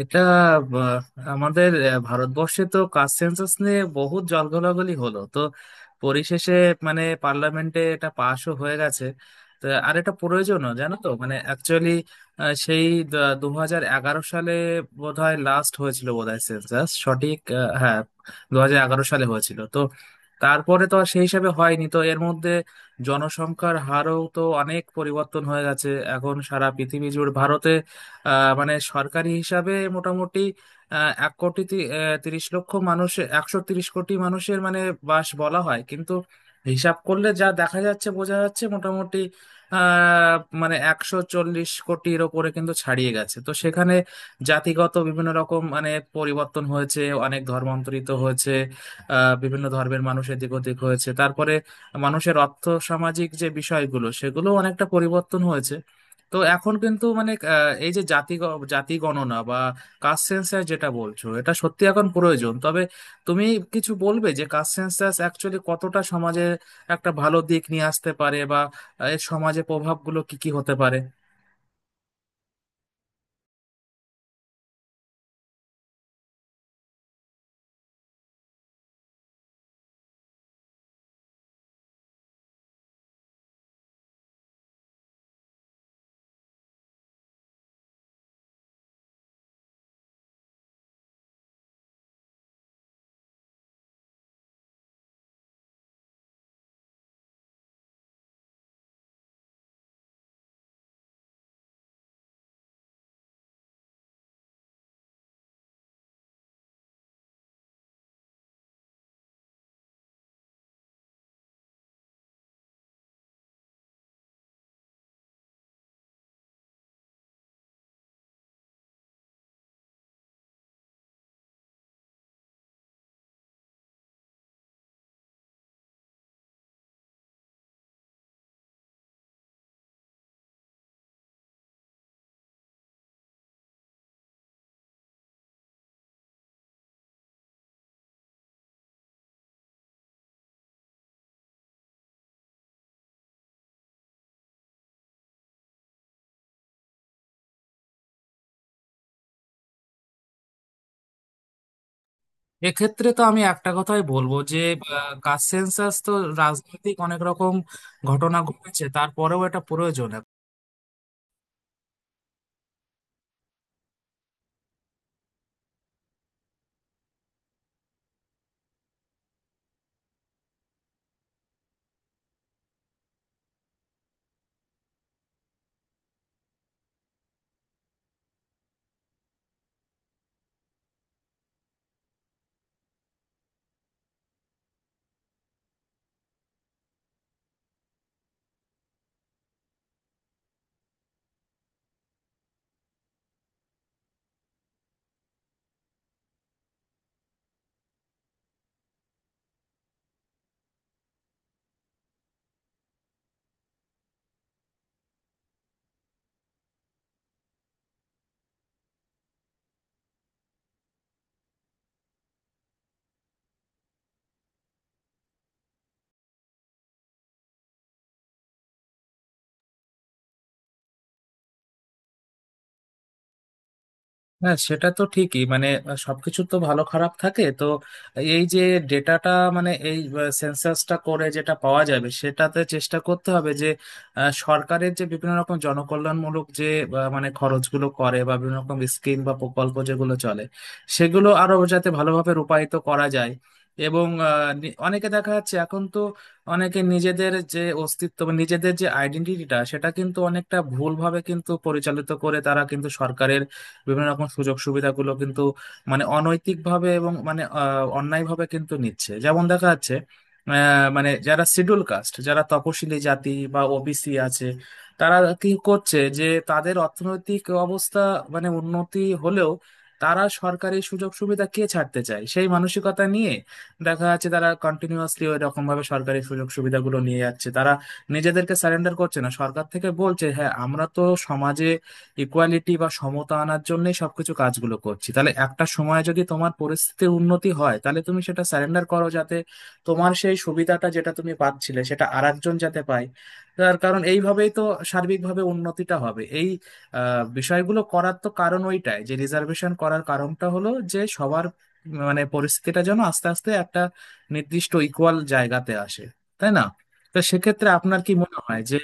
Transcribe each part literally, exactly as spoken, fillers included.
এটা আহ, আমাদের আহ, ভারতবর্ষে তো কাস্ট সেন্সাস নিয়ে বহুত জলঘোলাঘলি হলো তো, পরিশেষে মানে পার্লামেন্টে এটা পাশও হয়ে গেছে। তো আর এটা প্রয়োজনও জানো তো, মানে অ্যাকচুয়ালি সেই দু হাজার এগারো সালে বোধহয় লাস্ট হয়েছিল বোধহয় সেন্সাস সঠিক, আহ, হ্যাঁ দু হাজার এগারো সালে হয়েছিল তো। তারপরে তো আর সেই হিসাবে হয়নি তো, এর মধ্যে জনসংখ্যার হারও তো অনেক পরিবর্তন হয়ে গেছে। এখন সারা পৃথিবী জুড়ে ভারতে আহ, মানে সরকারি হিসাবে মোটামুটি আহ, এক কোটি তি- আহ, তিরিশ লক্ষ মানুষের একশো তিরিশ কোটি মানুষের মানে বাস বলা হয়, কিন্তু হিসাব করলে যা দেখা যাচ্ছে, বোঝা যাচ্ছে মোটামুটি আহ মানে একশো চল্লিশ কোটির ওপরে কিন্তু ছাড়িয়ে গেছে। তো সেখানে জাতিগত বিভিন্ন রকম মানে পরিবর্তন হয়েছে, অনেক ধর্মান্তরিত হয়েছে, আহ বিভিন্ন ধর্মের মানুষ এদিক ওদিক হয়েছে, তারপরে মানুষের অর্থ সামাজিক যে বিষয়গুলো সেগুলো অনেকটা পরিবর্তন হয়েছে। তো এখন কিন্তু মানে আহ, এই যে জাতি গ- জাতি গণনা বা কাস্ট সেন্সাস যেটা বলছো, এটা সত্যি এখন প্রয়োজন। তবে তুমি কিছু বলবে যে কাস্ট সেন্সাস অ্যাকচুয়ালি কতটা সমাজে একটা ভালো দিক নিয়ে আসতে পারে, বা আহ, এর সমাজে প্রভাবগুলো কি কি হতে পারে? এক্ষেত্রে তো আমি একটা কথাই বলবো যে কাস্ট সেন্সাস তো রাজনৈতিক অনেক রকম ঘটনা ঘটেছে, তারপরেও এটা প্রয়োজন। হ্যাঁ, সেটা তো ঠিকই, মানে আহ, সবকিছু তো ভালো খারাপ থাকে তো। এই যে ডেটাটা, মানে এই সেন্সাসটা করে যেটা পাওয়া যাবে, সেটাতে চেষ্টা করতে হবে যে আহ, সরকারের যে বিভিন্ন রকম জনকল্যাণমূলক যে আহ, মানে খরচগুলো করে বা বিভিন্ন রকম স্কিম বা প্রকল্প যেগুলো চলে, সেগুলো আরো যাতে ভালোভাবে রূপায়িত করা যায়। এবং আহ, নি- অনেকে দেখা যাচ্ছে এখন তো, অনেকে নিজেদের যে অস্তিত্ব বা নিজেদের যে আইডেন্টিটিটা সেটা কিন্তু অনেকটা ভুলভাবে কিন্তু পরিচালিত করে, তারা কিন্তু সরকারের বিভিন্ন রকম সুযোগ সুবিধাগুলো কিন্তু মানে অনৈতিকভাবে এবং মানে আহ, অন্যায়ভাবে কিন্তু নিচ্ছে। যেমন দেখা যাচ্ছে আহ, মানে যারা শিডিউল কাস্ট, যারা তপশিলি জাতি বা ও বি সি আছে, তারা কি করছে যে তাদের অর্থনৈতিক অবস্থা মানে উন্নতি হলেও তারা সরকারি সুযোগ সুবিধা কে ছাড়তে চায় সেই মানসিকতা নিয়ে দেখা যাচ্ছে তারা কন্টিনিউয়াসলি ওই রকম ভাবে সরকারি সুযোগ সুবিধাগুলো নিয়ে যাচ্ছে। তারা নিজেদেরকে সারেন্ডার করছে না। সরকার থেকে বলছে, হ্যাঁ আমরা তো সমাজে ইকুয়ালিটি বা সমতা আনার জন্যই সবকিছু কাজগুলো করছি, তাহলে একটা সময় যদি তোমার পরিস্থিতির উন্নতি হয় তাহলে তুমি সেটা সারেন্ডার করো, যাতে তোমার সেই সুবিধাটা যেটা তুমি পাচ্ছিলে সেটা আরেকজন যাতে পায়। তার কারণ এইভাবেই তো সার্বিকভাবে উন্নতিটা হবে। এই আহ, বিষয়গুলো করার তো কারণ ওইটাই, যে রিজার্ভেশন করার কারণটা হলো যে সবার মানে পরিস্থিতিটা যেন আস্তে আস্তে একটা নির্দিষ্ট ইকুয়াল জায়গাতে আসে, তাই না? তো সেক্ষেত্রে আপনার কি মনে হয় যে,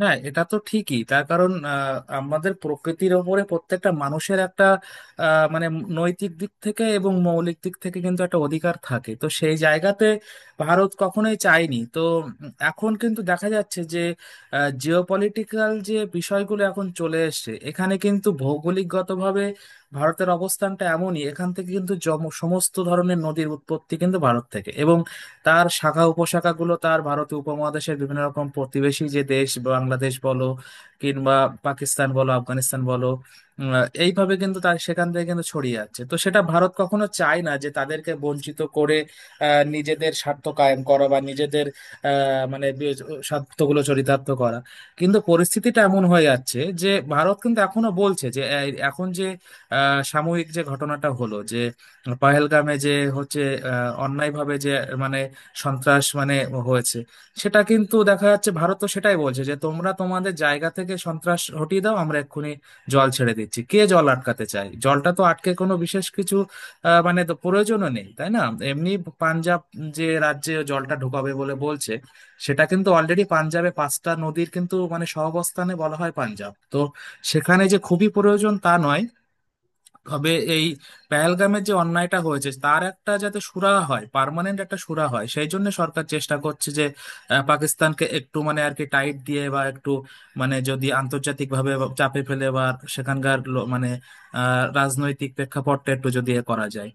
হ্যাঁ এটা তো ঠিকই, তার কারণ আহ, আমাদের প্রকৃতির ওপরে প্রত্যেকটা মানুষের একটা আহ, মানে নৈতিক দিক থেকে এবং মৌলিক দিক থেকে কিন্তু একটা অধিকার থাকে। তো সেই জায়গাতে ভারত কখনোই চায়নি তো। উম, এখন কিন্তু দেখা যাচ্ছে যে জিওপলিটিক্যাল যে বিষয়গুলো এখন চলে এসেছে, এখানে কিন্তু ভৌগোলিকগতভাবে ভারতের অবস্থানটা এমনই, এখান থেকে কিন্তু জম- সমস্ত ধরনের নদীর উৎপত্তি কিন্তু ভারত থেকে, এবং তার শাখা উপশাখাগুলো তার ভারতীয় উপমহাদেশের বিভিন্ন রকম প্রতিবেশী যে দেশ, বাংলাদেশ বলো কিংবা পাকিস্তান বলো, আফগানিস্তান বলো, উম, এইভাবে কিন্তু তার সেখান থেকে কিন্তু ছড়িয়ে আছে। তো সেটা ভারত কখনো চায় না যে তাদেরকে বঞ্চিত করে আহ, নিজেদের স্বার্থ কায়েম করা, বা নিজেদের আহ, মানে বি- স্বার্থগুলো চরিতার্থ করা। কিন্তু পরিস্থিতিটা এমন হয়ে যাচ্ছে যে ভারত কিন্তু এখনো বলছে যে এই এখন যে আহ, সাময়িক যে ঘটনাটা হলো যে পহেলগামে যে হচ্ছে আহ, অন্যায়ভাবে যে মানে সন্ত্রাস মানে হয়েছে, সেটা কিন্তু দেখা যাচ্ছে ভারত তো সেটাই বলছে যে তোমরা তোমাদের জায়গা থেকে সন্ত্রাস হটিয়ে দাও, আমরা এক্ষুনি জল ছেড়ে দিচ্ছি। কে জল আটকাতে চায়? জলটা তো আটকে কোনো বিশেষ কিছু আহ, মানে তো প্রয়োজনও নেই, তাই না? এমনি পাঞ্জাব যে রাজ্যে জলটা ঢোকাবে বলে বলছে, সেটা কিন্তু অলরেডি পাঞ্জাবে পাঁচটা নদীর কিন্তু মানে সহাবস্থানে বলা হয় পাঞ্জাব তো, সেখানে যে খুবই প্রয়োজন তা নয়। তবে এই পহেলগামের যে অন্যায়টা হয়েছে তার একটা যাতে সুরাহা হয়, পার্মানেন্ট একটা সুরাহা হয়, সেই জন্য সরকার চেষ্টা করছে যে আহ, পাকিস্তানকে একটু মানে আর কি টাইট দিয়ে বা একটু মানে যদি আন্তর্জাতিক ভাবে চাপে ফেলে, বা সেখানকার লো- মানে আহ রাজনৈতিক প্রেক্ষাপটটা একটু যদি এ করা যায়।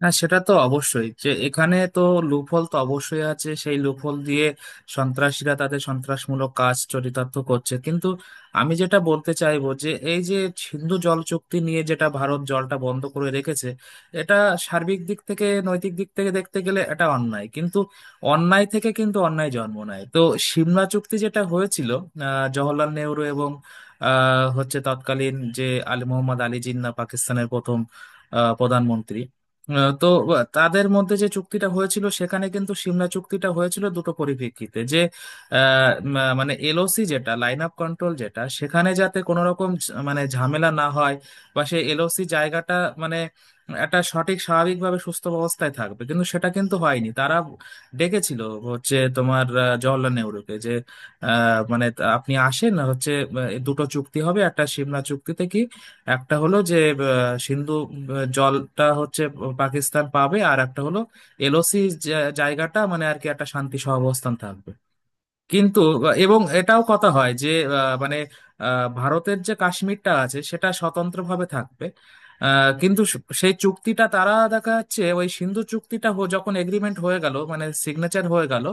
হ্যাঁ, সেটা তো অবশ্যই, যে এখানে তো লুপহোল তো অবশ্যই আছে, সেই লুপহোল দিয়ে সন্ত্রাসীরা তাদের সন্ত্রাসমূলক কাজ চরিতার্থ করছে। কিন্তু আমি যেটা বলতে চাইবো যে এই যে সিন্ধু জল চুক্তি নিয়ে যেটা ভারত জলটা বন্ধ করে রেখেছে, এটা সার্বিক দিক থেকে নৈতিক দিক থেকে দেখতে গেলে এটা অন্যায়, কিন্তু অন্যায় থেকে কিন্তু অন্যায় জন্ম নেয় তো। সিমলা চুক্তি যেটা হয়েছিল আহ জওহরলাল নেহরু এবং আহ হচ্ছে তৎকালীন যে আলী মোহাম্মদ আলী জিন্নাহ, পাকিস্তানের প্রথম আহ, প্রধানমন্ত্রী, আহ, তো আহ, তাদের মধ্যে যে চুক্তিটা হয়েছিল সেখানে কিন্তু সিমলা চুক্তিটা হয়েছিল দুটো পরিপ্রেক্ষিতে, যে আহ, মা- মানে এল ও সি যেটা লাইন অফ কন্ট্রোল যেটা, সেখানে যাতে কোনো রকম ঝ- মানে ঝামেলা না হয়, বা সেই এল ও সি জায়গাটা মানে একটা সঠিক স্বাভাবিকভাবে সুস্থ অবস্থায় থাকবে। কিন্তু সেটা কিন্তু হয়নি। তারা ডেকেছিল হচ্ছে তোমার আহ, জওহরলাল নেহরুকে, যে আহ, মানে তা- আপনি আসেন হচ্ছে, আহ, দুটো চুক্তি হবে একটা সিমলা চুক্তিতে কি, একটা হলো যে সিন্ধু আহ, জলটা হচ্ছে পাকিস্তান পাবে, আর একটা হলো এল ও সি জায়গাটা মানে আর কি একটা শান্তি সহাবস্থান থাকবে। কিন্তু আহ, এবং এটাও কথা হয় যে আহ, মানে আহ, ভারতের যে কাশ্মীরটা আছে সেটা স্বতন্ত্রভাবে থাকবে, আহ, কিন্তু স- সেই চুক্তিটা তারা দেখা যাচ্ছে ওই সিন্ধু চুক্তিটা হো- যখন এগ্রিমেন্ট হয়ে গেল মানে সিগনেচার হয়ে গেল।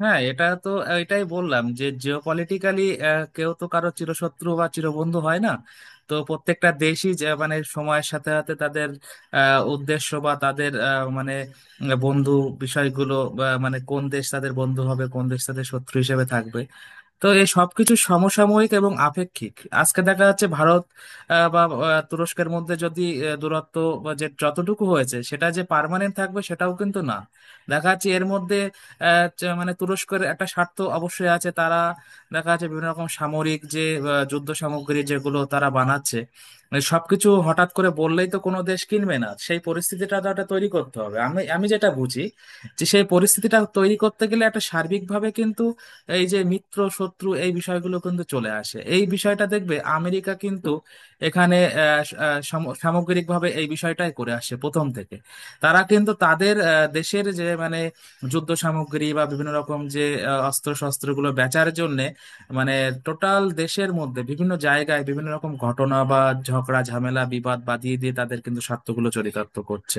হ্যাঁ এটা তো, এটাই বললাম যে জিওপলিটিক্যালি কেউ তো কারো চিরশত্রু বা চিরবন্ধু হয় না। তো প্রত্যেকটা দেশই যে মানে সময়ের সাথে সাথে তাদের আহ, উদ্দেশ্য বা তাদের আহ, মানে বন্ধু বিষয়গুলো, বা মানে কোন দেশ তাদের বন্ধু হবে কোন দেশ তাদের শত্রু হিসেবে থাকবে, তো এই সবকিছু সমসাময়িক এবং আপেক্ষিক। আজকে দেখা যাচ্ছে ভারত আহ, বা আহ, তুরস্কের মধ্যে যদি আহ, দূরত্ব বা যে যতটুকু হয়েছে, সেটা যে পার্মানেন্ট থাকবে সেটাও কিন্তু না। দেখা যাচ্ছে এর মধ্যে আহ, যে মানে তুরস্কের একটা স্বার্থ অবশ্যই আছে। তারা দেখা যাচ্ছে বিভিন্ন রকম সামরিক যে আহ, যুদ্ধ সামগ্রী যেগুলো তারা বানাচ্ছে, মানে সবকিছু হঠাৎ করে বললেই তো কোনো দেশ কিনবে না, সেই পরিস্থিতিটা তো একটা তৈরি করতে হবে। আমি আমি যেটা বুঝি যে সেই পরিস্থিতিটা তৈরি করতে গেলে একটা সার্বিকভাবে কিন্তু এই যে মিত্র শত্রু এই বিষয়গুলো কিন্তু চলে আসে। এই বিষয়টা দেখবে, আমেরিকা কিন্তু এখানে আহ, স- আহ, সাম- সামগ্রিকভাবে এই বিষয়টাই করে আসছে প্রথম থেকে। তারা কিন্তু তাদের আহ, দেশের যে মানে যুদ্ধ সামগ্রী বা বিভিন্ন রকম যে অস্ত্র শস্ত্রগুলো বেচার জন্য মানে টোটাল দেশের মধ্যে বিভিন্ন জায়গায় বিভিন্ন রকম ঘটনা বা ঝগড়া ঝামেলা বিবাদ বাদিয়ে দিয়ে তাদের কিন্তু স্বার্থগুলো চরিতার্থ করছে।